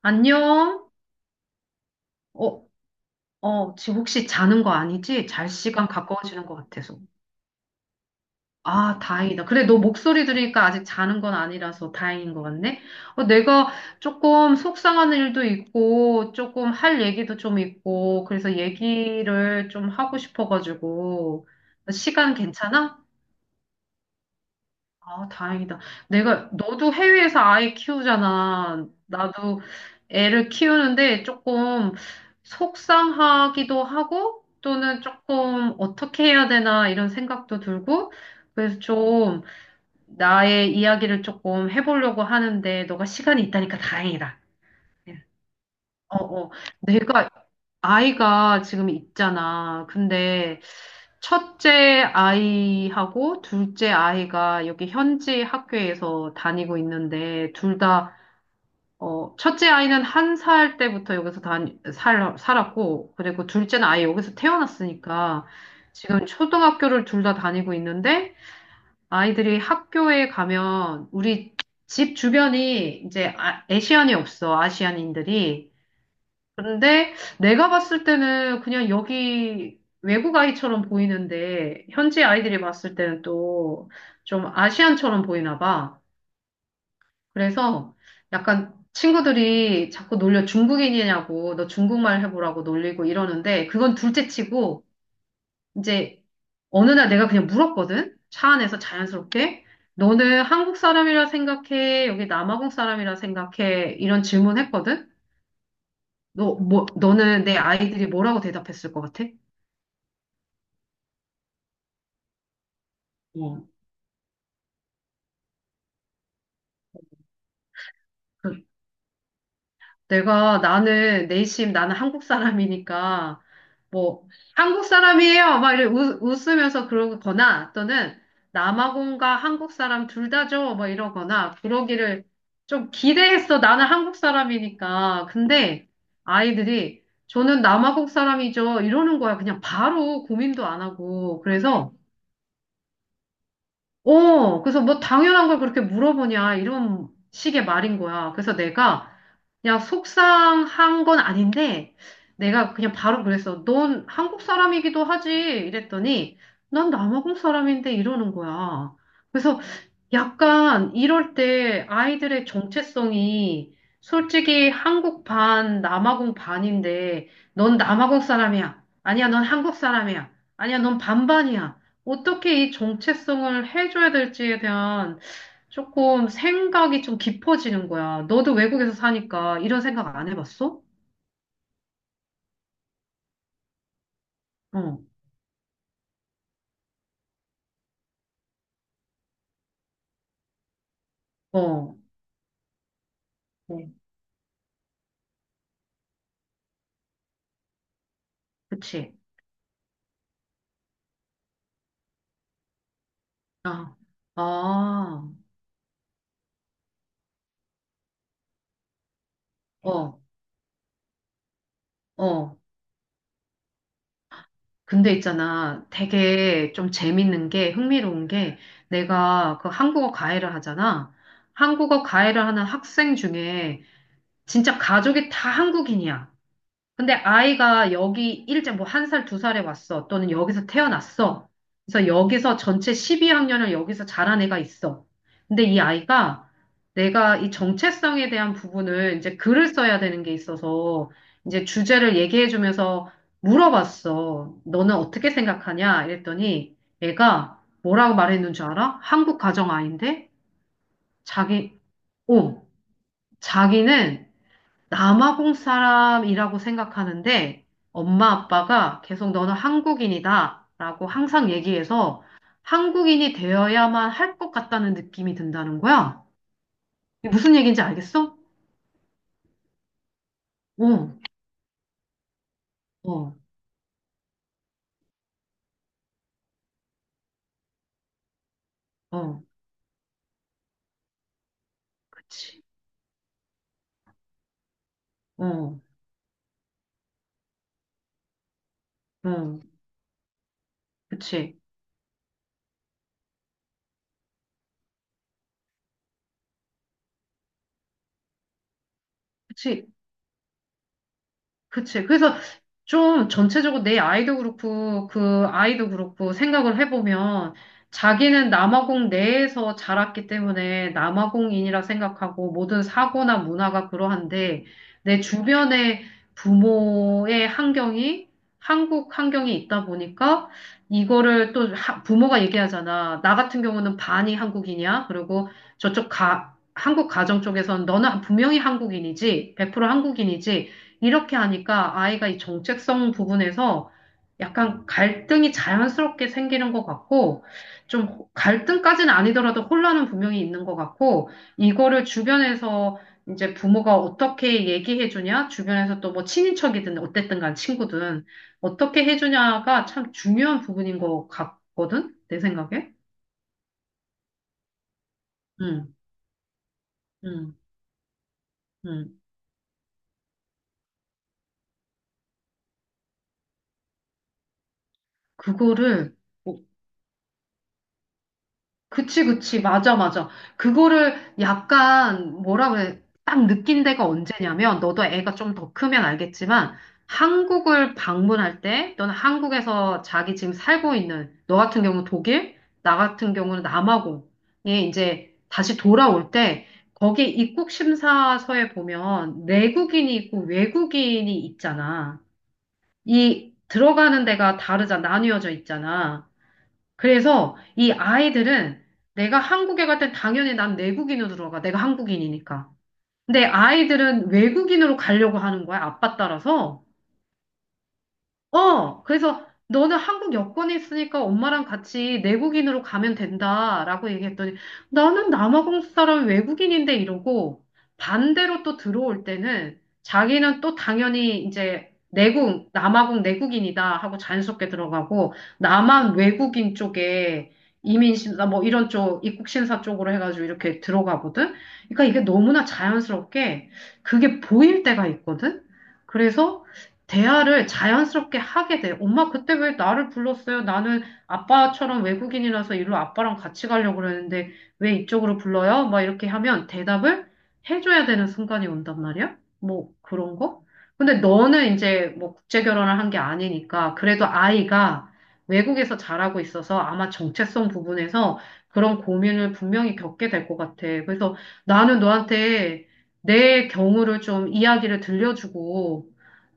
안녕? 어, 어, 지금 혹시 자는 거 아니지? 잘 시간 가까워지는 것 같아서. 아, 다행이다. 그래, 너 목소리 들으니까 아직 자는 건 아니라서 다행인 것 같네. 어, 내가 조금 속상한 일도 있고, 조금 할 얘기도 좀 있고, 그래서 얘기를 좀 하고 싶어가지고. 시간 괜찮아? 아, 다행이다. 너도 해외에서 아이 키우잖아. 나도 애를 키우는데 조금 속상하기도 하고 또는 조금 어떻게 해야 되나 이런 생각도 들고 그래서 좀 나의 이야기를 조금 해보려고 하는데 너가 시간이 있다니까 다행이다. 예. 어, 어. 내가 아이가 지금 있잖아. 근데 첫째 아이하고 둘째 아이가 여기 현지 학교에서 다니고 있는데 둘 다, 첫째 아이는 한 살 때부터 여기서 살았고, 그리고 둘째는 아예 여기서 태어났으니까 지금 초등학교를 둘 다 다니고 있는데 아이들이 학교에 가면 우리 집 주변이 이제 아시안이 없어, 아시안인들이. 근데 내가 봤을 때는 그냥 여기 외국 아이처럼 보이는데 현지 아이들이 봤을 때는 또 좀 아시안처럼 보이나 봐. 그래서 약간 친구들이 자꾸 놀려 중국인이냐고 너 중국말 해보라고 놀리고 이러는데 그건 둘째 치고 이제 어느 날 내가 그냥 물었거든. 차 안에서 자연스럽게 너는 한국 사람이라 생각해? 여기 남아공 사람이라 생각해? 이런 질문했거든. 너는 내 아이들이 뭐라고 대답했을 것 같아? 어, 그 내가 나는 내심 나는 한국 사람이니까 뭐 한국 사람이에요 막 이래 웃으면서 그러거나 또는 남아공과 한국 사람 둘 다죠 막 이러거나 그러기를 좀 기대했어 나는 한국 사람이니까. 근데 아이들이 저는 남아공 사람이죠 이러는 거야 그냥 바로 고민도 안 하고 그래서 그래서 뭐 당연한 걸 그렇게 물어보냐, 이런 식의 말인 거야. 그래서 내가 그냥 속상한 건 아닌데, 내가 그냥 바로 그랬어. 넌 한국 사람이기도 하지. 이랬더니, 난 남아공 사람인데 이러는 거야. 그래서 약간 이럴 때 아이들의 정체성이 솔직히 한국 반, 남아공 반인데 넌 남아공 사람이야. 아니야, 넌 한국 사람이야. 아니야, 넌 반반이야. 어떻게 이 정체성을 해줘야 될지에 대한 조금 생각이 좀 깊어지는 거야. 너도 외국에서 사니까 이런 생각 안 해봤어? 어, 어, 네. 그치. 아, 아, 어, 어. 근데 있잖아, 되게 좀 재밌는 게, 흥미로운 게, 내가 그 한국어 과외를 하잖아. 한국어 과외를 하는 학생 중에 진짜 가족이 다 한국인이야. 근데 아이가 여기 일찍 뭐 한 살, 두 살에 왔어. 또는 여기서 태어났어. 그래서 여기서 전체 12학년을 여기서 자란 애가 있어. 근데 이 아이가 내가 이 정체성에 대한 부분을 이제 글을 써야 되는 게 있어서 이제 주제를 얘기해 주면서 물어봤어. 너는 어떻게 생각하냐? 이랬더니 애가 뭐라고 말했는 줄 알아? 한국 가정 아이인데 자기, 어, 자기는 남아공 사람이라고 생각하는데 엄마 아빠가 계속 너는 한국인이다라고 항상 얘기해서 한국인이 되어야만 할 것 같다는 느낌이 든다는 거야. 이게 무슨 얘기인지 알겠어? 어, 어, 어, 그치. 어, 어, 그치. 그치. 그치. 그래서 좀 전체적으로 내 아이도 그렇고 그 아이도 그렇고 생각을 해보면 자기는 남아공 내에서 자랐기 때문에 남아공인이라 생각하고 모든 사고나 문화가 그러한데 내 주변의 부모의 환경이 한국 환경이 있다 보니까 이거를 또 부모가 얘기하잖아. 나 같은 경우는 반이 한국인이야. 그리고 저쪽 한국 가정 쪽에선 너는 분명히 한국인이지. 100% 한국인이지. 이렇게 하니까 아이가 이 정체성 부분에서 약간 갈등이 자연스럽게 생기는 것 같고, 좀 갈등까지는 아니더라도 혼란은 분명히 있는 것 같고, 이거를 주변에서 이제 부모가 어떻게 얘기해 주냐, 주변에서 또 뭐 친인척이든 어쨌든 간 친구든 어떻게 해 주냐가 참 중요한 부분인 것 같거든, 내 생각에. 음, 음, 음. 그거를 뭐 그치, 그치. 맞아, 맞아. 그거를 약간 뭐라 그래. 딱 느낀 데가 언제냐면, 너도 애가 좀 더 크면 알겠지만, 한국을 방문할 때, 또는 한국에서 자기 지금 살고 있는, 너 같은 경우는 독일, 나 같은 경우는 남아공에 이제 다시 돌아올 때, 거기 입국 심사서에 보면 내국인이 있고 외국인이 있잖아. 이 들어가는 데가 다르잖아. 나뉘어져 있잖아. 그래서 이 아이들은 내가 한국에 갈 땐 당연히 난 내국인으로 들어가. 내가 한국인이니까. 근데 아이들은 외국인으로 가려고 하는 거야. 아빠 따라서. 어, 그래서 너는 한국 여권이 있으니까 엄마랑 같이 내국인으로 가면 된다라고 얘기했더니 나는 남아공 사람 외국인인데 이러고 반대로 또 들어올 때는 자기는 또 당연히 이제 내국, 남아공 내국인이다 하고 자연스럽게 들어가고 남한 외국인 쪽에 이민심사 뭐 이런 쪽 입국심사 쪽으로 해가지고 이렇게 들어가거든. 그러니까 이게 너무나 자연스럽게 그게 보일 때가 있거든. 그래서 대화를 자연스럽게 하게 돼. 엄마, 그때 왜 나를 불렀어요? 나는 아빠처럼 외국인이라서 일로 아빠랑 같이 가려고 그러는데 왜 이쪽으로 불러요? 막 이렇게 하면 대답을 해줘야 되는 순간이 온단 말이야? 뭐 그런 거? 근데 너는 이제 뭐 국제 결혼을 한 게 아니니까 그래도 아이가 외국에서 자라고 있어서 아마 정체성 부분에서 그런 고민을 분명히 겪게 될 것 같아. 그래서 나는 너한테 내 경우를 좀 이야기를 들려주고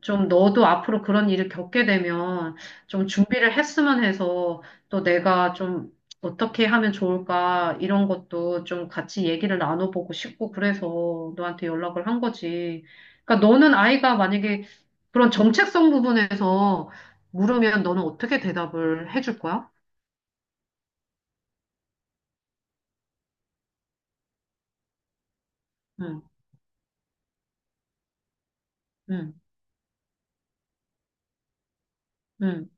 좀 너도 앞으로 그런 일을 겪게 되면 좀 준비를 했으면 해서 또 내가 좀 어떻게 하면 좋을까 이런 것도 좀 같이 얘기를 나눠보고 싶고 그래서 너한테 연락을 한 거지. 그러니까 너는 아이가 만약에 그런 정체성 부분에서 물으면 너는 어떻게 대답을 해줄 거야? 응, 응, 응.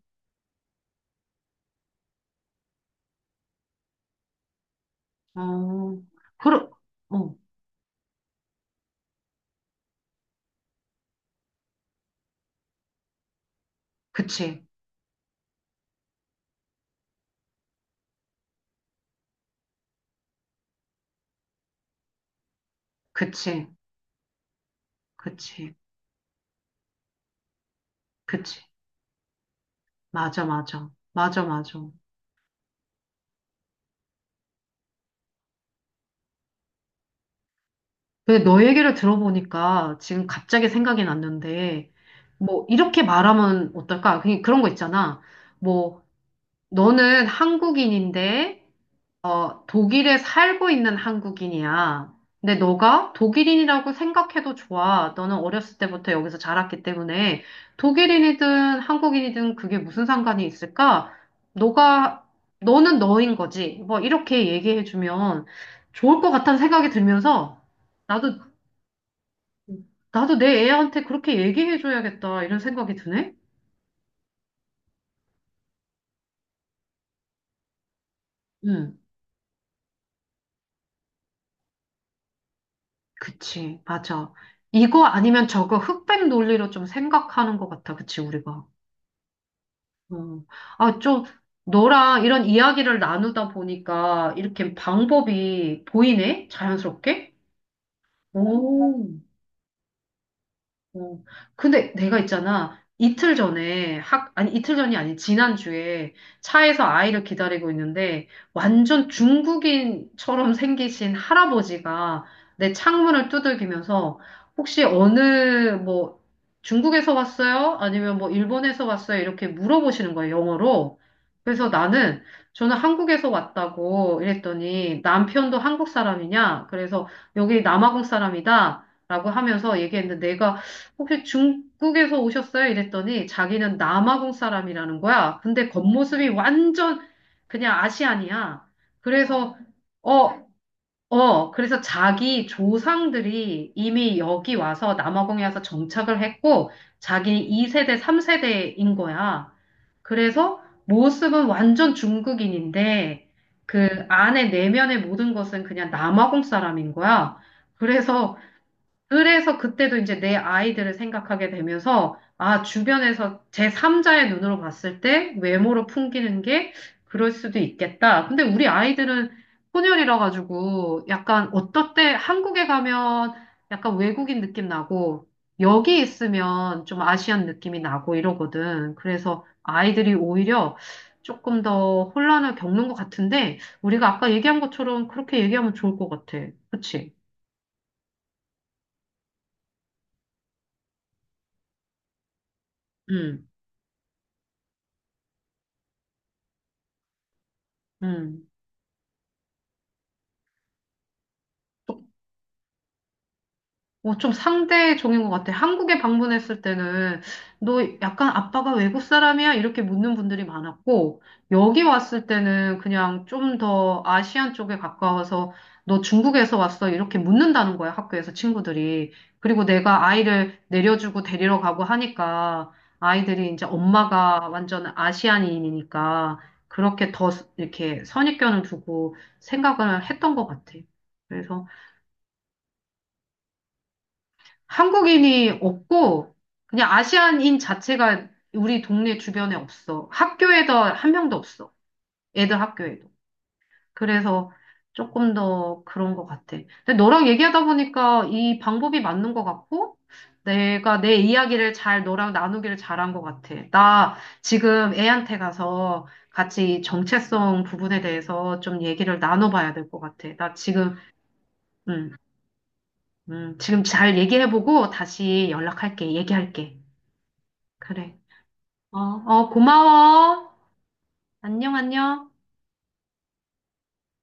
어, 그러, 어, 그치, 그치, 그치, 그치. 맞아, 맞아, 맞아, 맞아. 근데 너 얘기를 들어보니까 지금 갑자기 생각이 났는데, 뭐, 이렇게 말하면 어떨까? 그냥 그런 거 있잖아. 뭐, 너는 한국인인데 독일에 살고 있는 한국인이야. 근데 너가 독일인이라고 생각해도 좋아. 너는 어렸을 때부터 여기서 자랐기 때문에 독일인이든 한국인이든 그게 무슨 상관이 있을까? 너가, 너는 너인 거지. 뭐, 이렇게 얘기해주면 좋을 것 같다는 생각이 들면서 나도 나도 내 애한테 그렇게 얘기해줘야겠다, 이런 생각이 드네? 응, 그치, 맞아. 이거 아니면 저거 흑백 논리로 좀 생각하는 것 같아, 그치, 우리가. 어. 아, 좀, 너랑 이런 이야기를 나누다 보니까 이렇게 방법이 보이네? 자연스럽게? 오. 어, 근데 내가 있잖아. 이틀 전에 아니, 이틀 전이 아니 지난주에 차에서 아이를 기다리고 있는데 완전 중국인처럼 생기신 할아버지가 내 창문을 두들기면서 혹시 어느 뭐 중국에서 왔어요? 아니면 뭐 일본에서 왔어요? 이렇게 물어보시는 거예요, 영어로. 그래서 나는 저는 한국에서 왔다고 이랬더니 남편도 한국 사람이냐? 그래서 여기 남아공 사람이다. 라고 하면서 얘기했는데 혹시 중국에서 오셨어요? 이랬더니 자기는 남아공 사람이라는 거야. 근데 겉모습이 완전 그냥 아시안이야. 그래서, 어, 그래서 자기 조상들이 이미 여기 와서 남아공에 와서 정착을 했고, 자기 2세대, 3세대인 거야. 그래서 모습은 완전 중국인인데, 그 안에 내면의 모든 것은 그냥 남아공 사람인 거야. 그래서 그래서 그때도 이제 내 아이들을 생각하게 되면서, 주변에서 제3자의 눈으로 봤을 때 외모로 풍기는 게 그럴 수도 있겠다. 근데 우리 아이들은 혼혈이라 가지고 약간 어떨 때 한국에 가면 약간 외국인 느낌 나고, 여기 있으면 좀 아시안 느낌이 나고 이러거든. 그래서 아이들이 오히려 조금 더 혼란을 겪는 것 같은데, 우리가 아까 얘기한 것처럼 그렇게 얘기하면 좋을 것 같아. 그치? 응, 응. 어, 좀 상대 종인 것 같아. 한국에 방문했을 때는 너 약간 아빠가 외국 사람이야? 이렇게 묻는 분들이 많았고, 여기 왔을 때는 그냥 좀 더 아시안 쪽에 가까워서 너 중국에서 왔어? 이렇게 묻는다는 거야, 학교에서 친구들이. 그리고 내가 아이를 내려주고 데리러 가고 하니까 아이들이 이제 엄마가 완전 아시안인이니까 그렇게 더 이렇게 선입견을 두고 생각을 했던 것 같아. 그래서 한국인이 없고, 그냥 아시안인 자체가 우리 동네 주변에 없어. 학교에도 한 명도 없어. 애들 학교에도. 그래서 조금 더 그런 것 같아. 근데 너랑 얘기하다 보니까 이 방법이 맞는 것 같고, 내가 내 이야기를 잘 너랑 나누기를 잘한 것 같아. 나 지금 애한테 가서 같이 정체성 부분에 대해서 좀 얘기를 나눠봐야 될 것 같아. 나 지금, 음, 지금 잘 얘기해보고 다시 연락할게. 얘기할게. 그래. 어, 어, 고마워. 안녕, 안녕.